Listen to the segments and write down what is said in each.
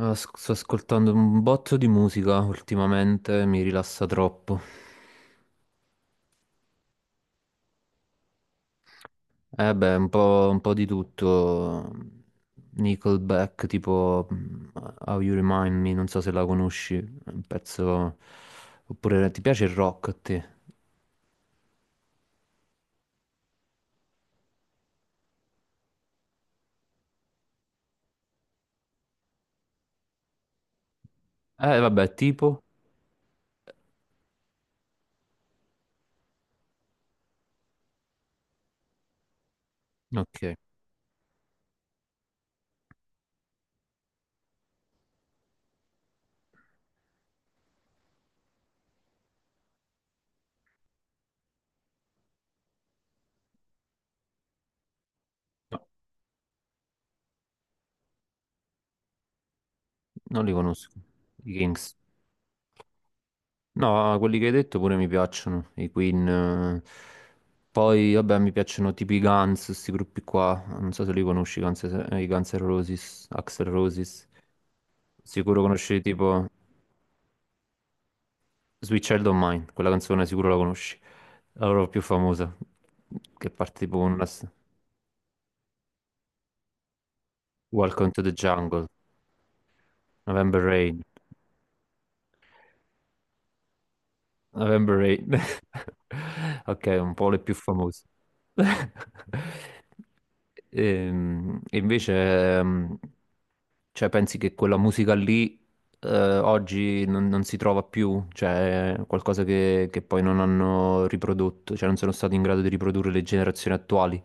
Sto ascoltando un botto di musica ultimamente, mi rilassa troppo. Eh beh, un po' di tutto. Nickelback, tipo How You Remind Me, non so se la conosci, è un pezzo... Oppure ti piace il rock a te? Eh vabbè, tipo... Ok, non li conosco. I Kings. No, quelli che hai detto pure mi piacciono, i Queen, eh. Poi, vabbè, mi piacciono tipo i Guns, questi gruppi qua. Non so se li conosci, i Guns N' Roses, Axl Roses. Sicuro conosci tipo Sweet Child O' Mine, quella canzone sicuro la conosci. La loro più famosa, che parte tipo con una... Welcome to the Jungle, November Rain. November Rain. Ok, un po' le più famose. E, invece, ehm, cioè, pensi che quella musica lì oggi non si trova più? Cioè, è qualcosa che poi non hanno riprodotto, cioè non sono stati in grado di riprodurre le generazioni attuali?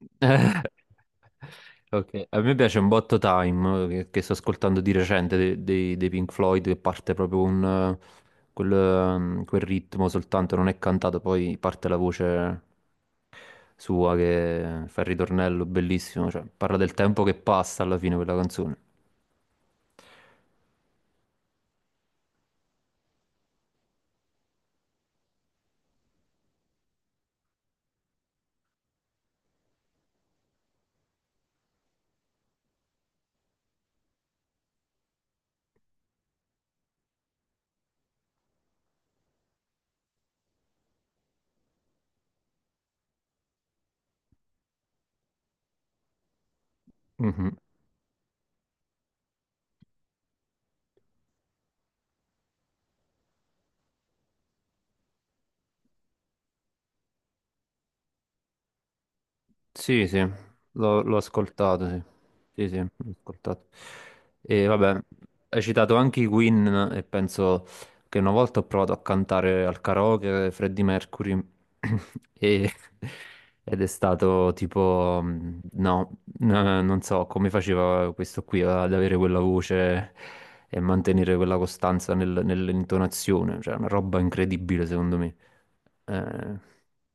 Ok, a me piace un botto Time che sto ascoltando di recente dei Pink Floyd che parte proprio un, quel, quel ritmo soltanto, non è cantato, poi parte la voce sua che fa il ritornello bellissimo, cioè parla del tempo che passa alla fine quella canzone. Mhm. Sì, sì, l'ho ascoltato, sì. Sì, sì, l'ho ascoltato. E vabbè, hai citato anche i Queen e penso che una volta ho provato a cantare al karaoke Freddie Mercury e- ed è stato tipo, no, non so come faceva questo qui ad avere quella voce e mantenere quella costanza nell'intonazione, cioè una roba incredibile secondo me. Eh,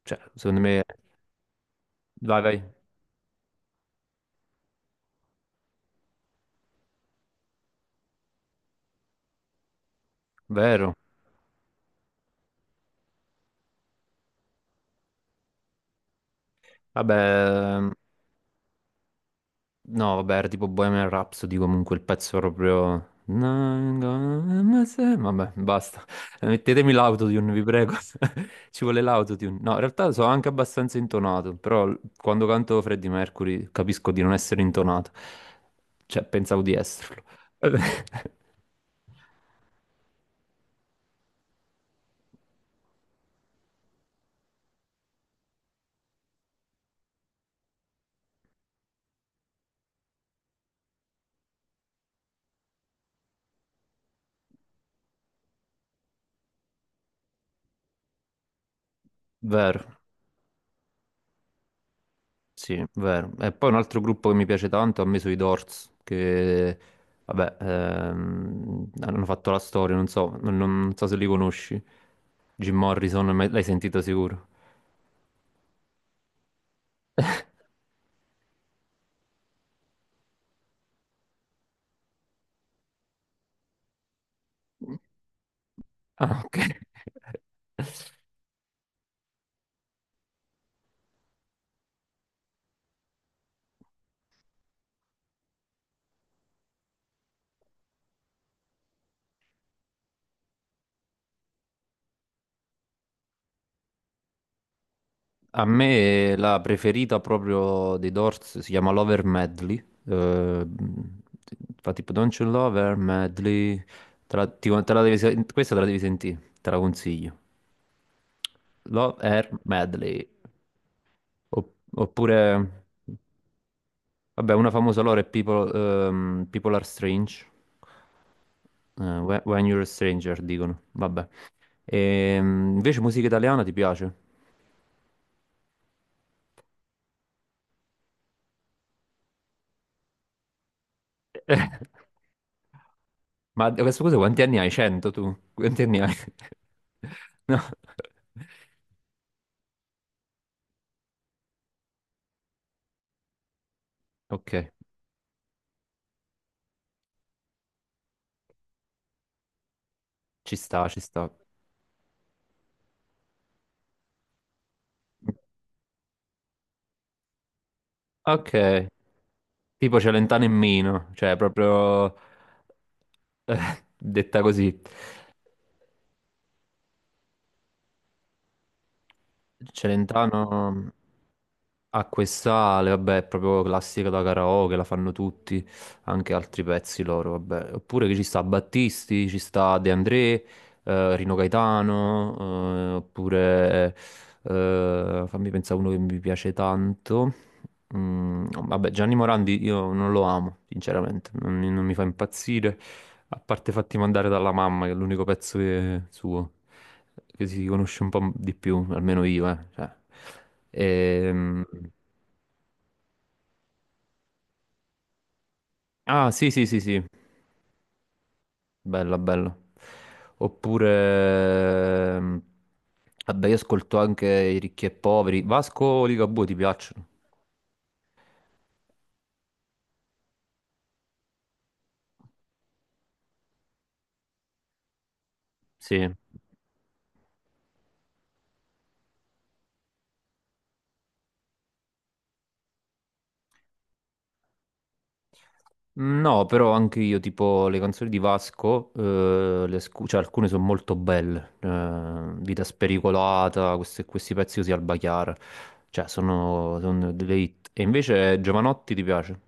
cioè, secondo me, vai, vai, vero. Vabbè, no, vabbè, era tipo Bohemian Rhapsody comunque il pezzo proprio... Vabbè, basta. Mettetemi l'autotune, vi prego. Ci vuole l'autotune. No, in realtà sono anche abbastanza intonato, però quando canto Freddie Mercury capisco di non essere intonato. Cioè, pensavo di esserlo. Vero. Sì, vero. E poi un altro gruppo che mi piace tanto, a me sono i Doors, che vabbè, hanno fatto la storia, non so, non so se li conosci. Jim Morrison, l'hai sentito sicuro? Ah, ok. A me la preferita proprio dei Doors si chiama Lover Medley, fa tipo Don't You Love Her Medley. Te la devi, questa te la devi sentire, te la consiglio. Love Her Medley. Oppure, vabbè, una famosa loro è People, People Are Strange. When You're a Stranger, dicono. Vabbè. Invece musica italiana ti piace? Eh, ma a questo cosa quanti anni hai? 100 tu? Quanti anni hai? No. Ok, ci sta, ci sta. Ok. Tipo Celentano in Mino, cioè proprio eh, detta così. Celentano ha quest'ale, vabbè, è proprio classica da karaoke, la fanno tutti, anche altri pezzi loro, vabbè. Oppure che ci sta Battisti, ci sta De André, Rino Gaetano, oppure fammi pensare a uno che mi piace tanto. Mm, vabbè, Gianni Morandi io non lo amo, sinceramente, non, mi non mi fa impazzire, a parte fatti mandare dalla mamma, che è l'unico pezzo suo, che si conosce un po' di più, almeno io, eh. Cioè. Ehm, Ah, sì, sì, sì, sì, bella, bella. Oppure, vabbè, io ascolto anche i ricchi e poveri. Vasco o Ligabue ti piacciono? Sì. No, però anche io, tipo le canzoni di Vasco, cioè, alcune sono molto belle. Eh, Vita spericolata, questi pezzi così al Chiara. Cioè, sono, sono delle hit. E invece Giovanotti ti piace?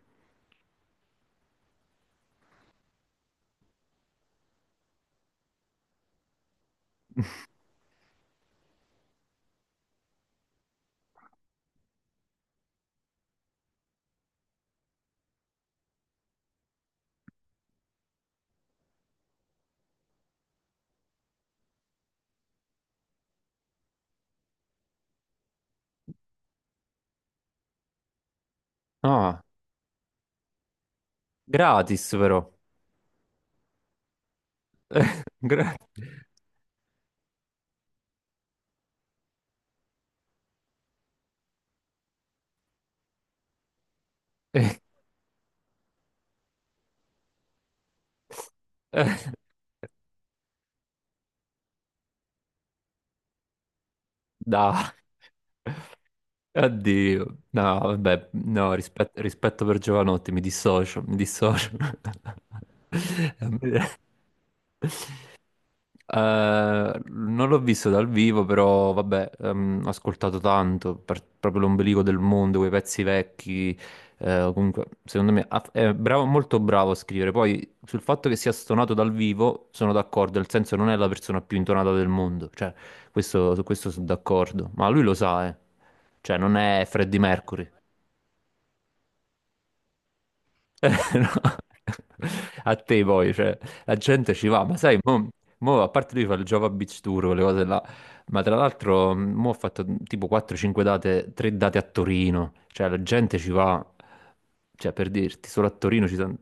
Ah, gratis però. Gra- eh, dai, addio. No, vabbè, no, rispetto per Giovanotti, mi dissocio. Non l'ho visto dal vivo, però vabbè, ho ascoltato tanto, proprio l'ombelico del mondo, quei pezzi vecchi. Eh, comunque, secondo me è bravo, molto bravo a scrivere. Poi sul fatto che sia stonato dal vivo sono d'accordo, nel senso non è la persona più intonata del mondo, cioè su questo sono d'accordo, ma lui lo sa, eh. Cioè non è Freddie Mercury. No. A te poi, cioè, la gente ci va, ma sai, a parte lui fa il Java Beach Tour, quelle cose là, ma tra l'altro mo ho fatto tipo 4-5 date, 3 date a Torino, cioè la gente ci va, cioè per dirti, solo a Torino ci sono...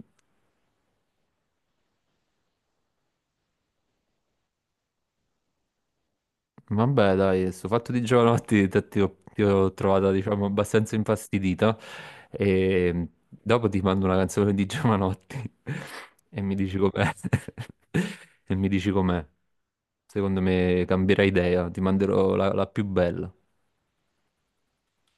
Vabbè, dai, sto fatto di giovanotti ti ho trovata, diciamo, abbastanza infastidita e dopo ti mando una canzone di Giovanotti e mi dici com'è. E mi dici com'è. Secondo me cambierai idea, ti manderò la più bella.